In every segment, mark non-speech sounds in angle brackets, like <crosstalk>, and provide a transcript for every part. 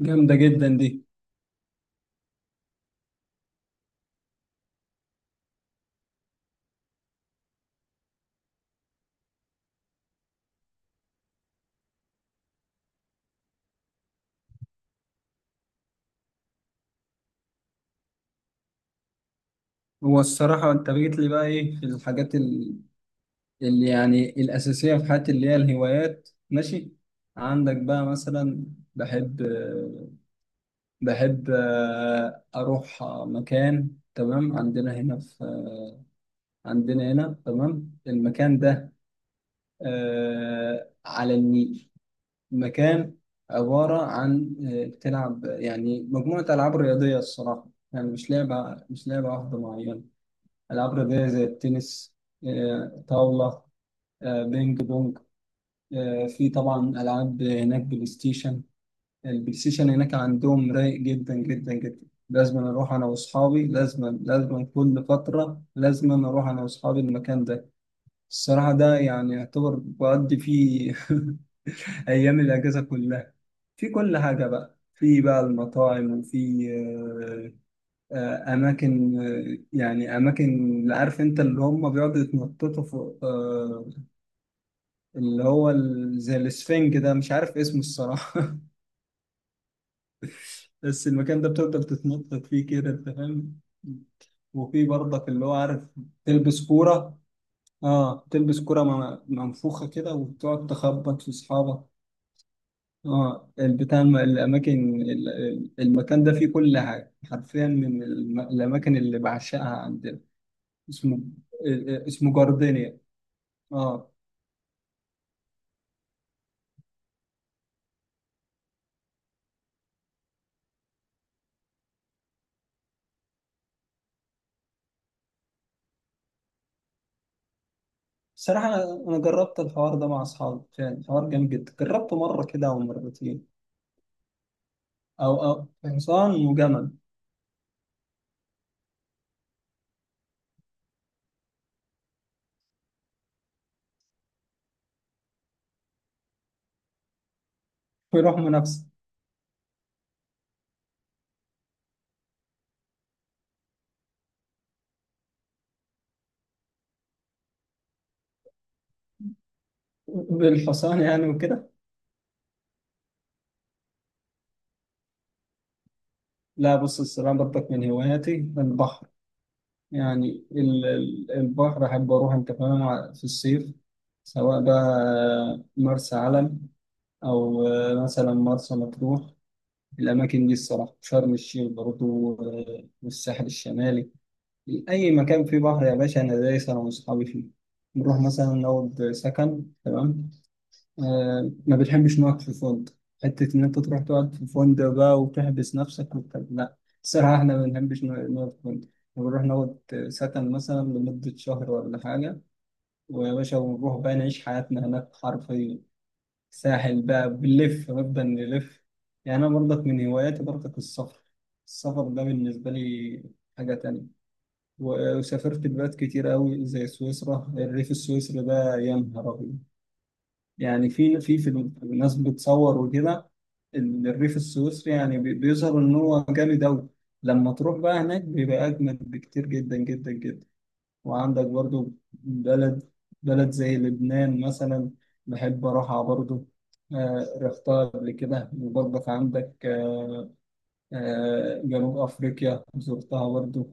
جامدة جدا دي. هو الصراحة أنت جيت لي بقى إيه في الحاجات اللي يعني الأساسية في حياتي اللي هي الهوايات. ماشي، عندك بقى مثلا؟ بحب بحب أروح مكان تمام عندنا هنا تمام المكان ده، على النيل. مكان عبارة عن تلعب يعني مجموعة ألعاب رياضية الصراحة. يعني مش لعبة واحدة معينة. العاب رياضيه زي التنس، طاوله، بينج بونج، في طبعا العاب هناك بلاي ستيشن. البلاي ستيشن هناك عندهم رايق جدا جدا جدا. لازم لازم كل فتره لازم أنا اروح انا واصحابي المكان ده. الصراحه ده يعني يعتبر بقضي فيه <laughs> ايام الاجازه كلها. في كل حاجه بقى، في بقى المطاعم، وفي اماكن آه، يعني اماكن اللي عارف انت اللي هم بيقعدوا يتنططوا فوق، اللي هو زي الاسفنج ده مش عارف اسمه الصراحه. <laughs> بس المكان ده بتفضل تتنطط فيه كده انت فاهم. وفي برضك اللي هو عارف، تلبس كوره. منفوخه كده وتقعد تخبط في اصحابك. اه البتاع، المكان ده فيه كل حاجه حرفيا من الاماكن اللي بعشقها عندنا. اسمه آه، آه، اسمه جاردينيا. اه. بصراحة أنا جربت الحوار ده مع أصحابي فعلا، حوار جامد جدا، جربته مرة كده أو مرتين أو حصان وجمل. ويروحوا منافسة بالحصان يعني وكده. لا بص الصراحة برضك من هواياتي البحر. يعني البحر أحب أروح أنت فاهم، في الصيف. سواء بقى مرسى علم، أو مثلا مرسى مطروح. الأماكن دي الصراحة، شرم الشيخ برضه، والساحل الشمالي. أي مكان فيه بحر يا باشا أنا دايس أنا وأصحابي فيه. بنروح مثلا نقعد سكن، تمام. ما بنحبش نقعد في فندق. حتة إن أنت تروح تقعد في فندق بقى وتحبس نفسك وبتاع، لا. الصراحة إحنا ما بنحبش نقعد في فندق. بنروح نقعد سكن مثلا لمدة شهر ولا حاجة. ويا باشا ونروح بقى نعيش حياتنا هناك حرفيا. ساحل بقى بنلف، نبدأ نلف. يعني أنا برضك من هواياتي برضك السفر. السفر ده بالنسبة لي حاجة تانية. وسافرت بلاد كتير قوي، زي سويسرا. الريف السويسري ده يا نهار أبيض. يعني في الناس بتصور وكده. الريف السويسري يعني بيظهر إن هو جامد أوي. لما تروح بقى هناك بيبقى أجمد بكتير، جدا جدا جدا. وعندك برضو بلد زي لبنان مثلا. بحب أروحها برضو، رحتها قبل كده. وبرضك عندك جنوب أفريقيا زرتها برضو.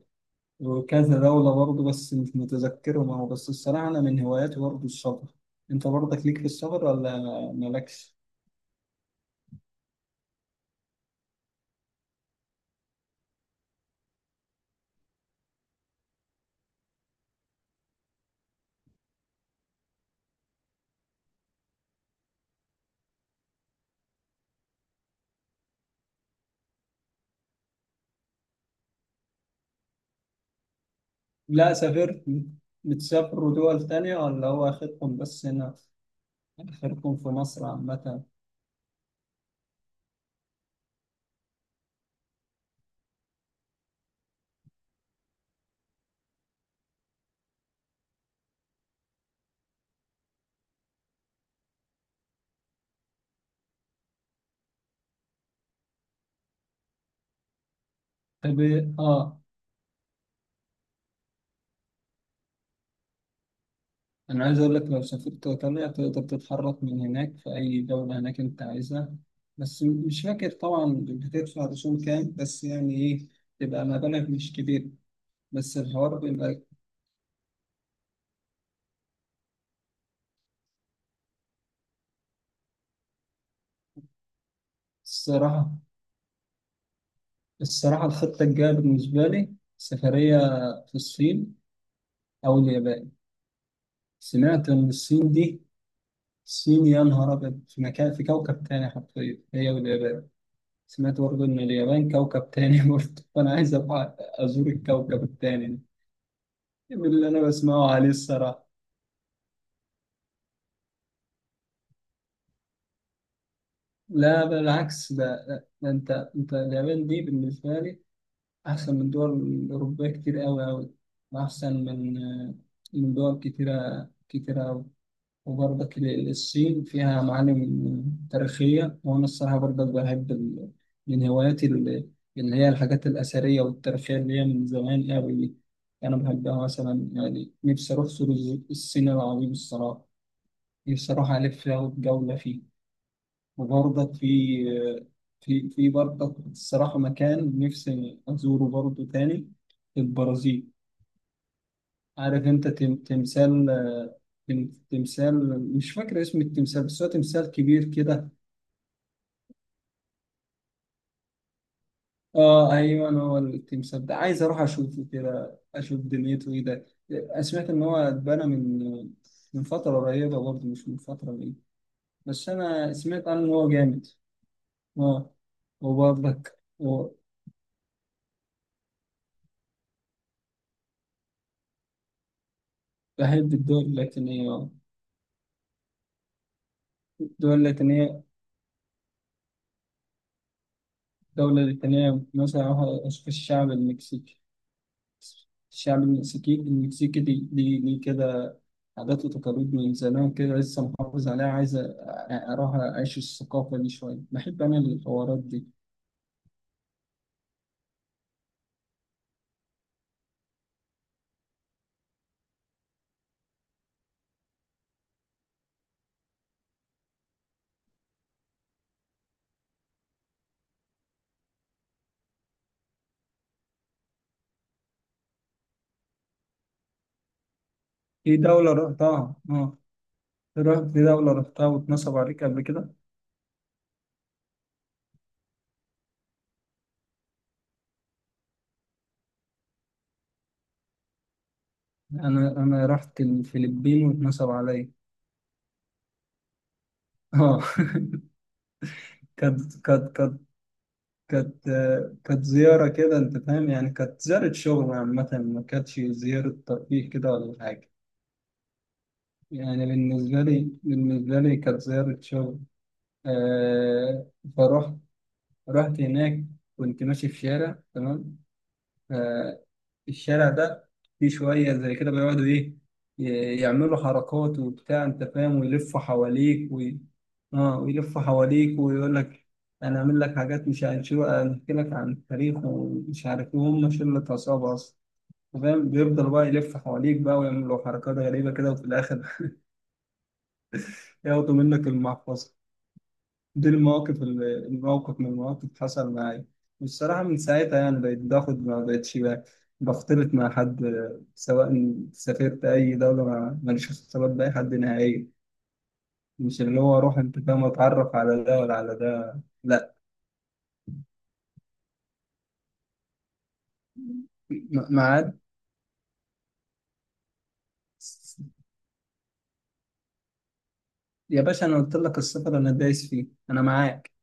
وكذا دولة برضه بس مش متذكرهم أهو. بس الصراحة أنا من هواياتي برضه السفر. أنت برضك ليك في السفر ولا مالكش؟ لا، سافرت؟ بتسافروا دول تانية ولا هو آخركم بس هنا، آخركم في مصر عامة؟ طب إيه؟ آه. أنا عايز أقول لك، لو سافرت إيطاليا تقدر تتحرك من هناك في أي دولة هناك أنت عايزها. بس مش فاكر طبعا بتدفع رسوم كام، بس يعني إيه، تبقى مبالغ مش كبيرة. بس الحوار بيبقى الصراحة الصراحة الخطة الجاية بالنسبة لي سفرية، في الصين أو اليابان. سمعت إن الصين دي، الصين يا نهار أبيض، في مكان في كوكب تاني حرفيا، هي واليابان. سمعت برضه إن اليابان كوكب تاني <laughs> برضه، فأنا عايز أبقى أزور الكوكب التاني. ده من اللي أنا بسمعه عليه الصراحة. لا بالعكس، ده أنت اليابان دي بالنسبة لي أحسن من دول الأوروبية كتير أوي أوي. وأحسن من دول كتيرة كتيرة أوي. وبرضك الصين فيها معالم تاريخية. وأنا الصراحة برضك بحب من هواياتي اللي هي الحاجات الأثرية والتاريخية اللي هي من زمان أوي دي. أنا بحبها. مثلا يعني نفسي أروح سور الصين العظيم الصراحة. نفسي أروح ألف فيها وجولة فيه. وبرضك في برضك الصراحة مكان نفسي أزوره برضه تاني، البرازيل. عارف انت تمثال، تمثال مش فاكر اسم التمثال، بس هو تمثال كبير كده. اه ايوه، هو التمثال ده عايز اروح اشوفه كده، اشوف دنيته ايه ده. سمعت ان هو اتبنى من فترة قريبة برضه، مش من فترة بعيدة. بس انا سمعت عنه ان هو جامد. اه. وبرضك بحب الدول اللاتينية، آه. الدول اللاتينية الدولة اللاتينية مثلا أروح أشوف الشعب المكسيكي المكسيكي ليه كده، عادات وتقاليد من زمان كده لسه محافظ عليها. عايز أروح أعيش الثقافة دي شوية. بحب أنا الحوارات دي. في دولة رحتها آه رحت في دولة رحتها واتنصب عليك قبل كده. أنا رحت الفلبين واتنصب عليا، آه <laughs> كانت كانت كانت كانت كانت زيارة كده أنت فاهم، يعني كانت زيارة شغل عامة، ما كانتش زيارة ترفيه كده ولا حاجة. يعني بالنسبة لي كانت زيارة شغل. آه فروحت رحت هناك. كنت ماشي في شارع، تمام. آه الشارع ده فيه شوية زي كده بيقعدوا إيه، يعملوا حركات وبتاع أنت فاهم، ويلفوا حواليك ويلفوا حواليك ويقول لك أنا أعمل لك حاجات، مش هنشوف، أحكي لك عن التاريخ ومش عارف إيه، وهم شلة عصابة أصلا. أنت فاهم، بيفضل بقى يلف حواليك بقى ويعملوا حركات غريبة كده، وفي الآخر <laughs> ياخدوا منك المحفظة. دي المواقف، الموقف من المواقف حصل معايا. والصراحة من ساعتها يعني بقيت باخد، ما بقتش بختلط مع حد، سواء سافرت أي دولة ماليش اختلاط بأي حد نهائي. مش اللي هو أروح أنت فاهم أتعرف على ده ولا على ده، لا. معاد. يا باشا أنا قلت لك السفر أنا دايس فيه، أنا معاك.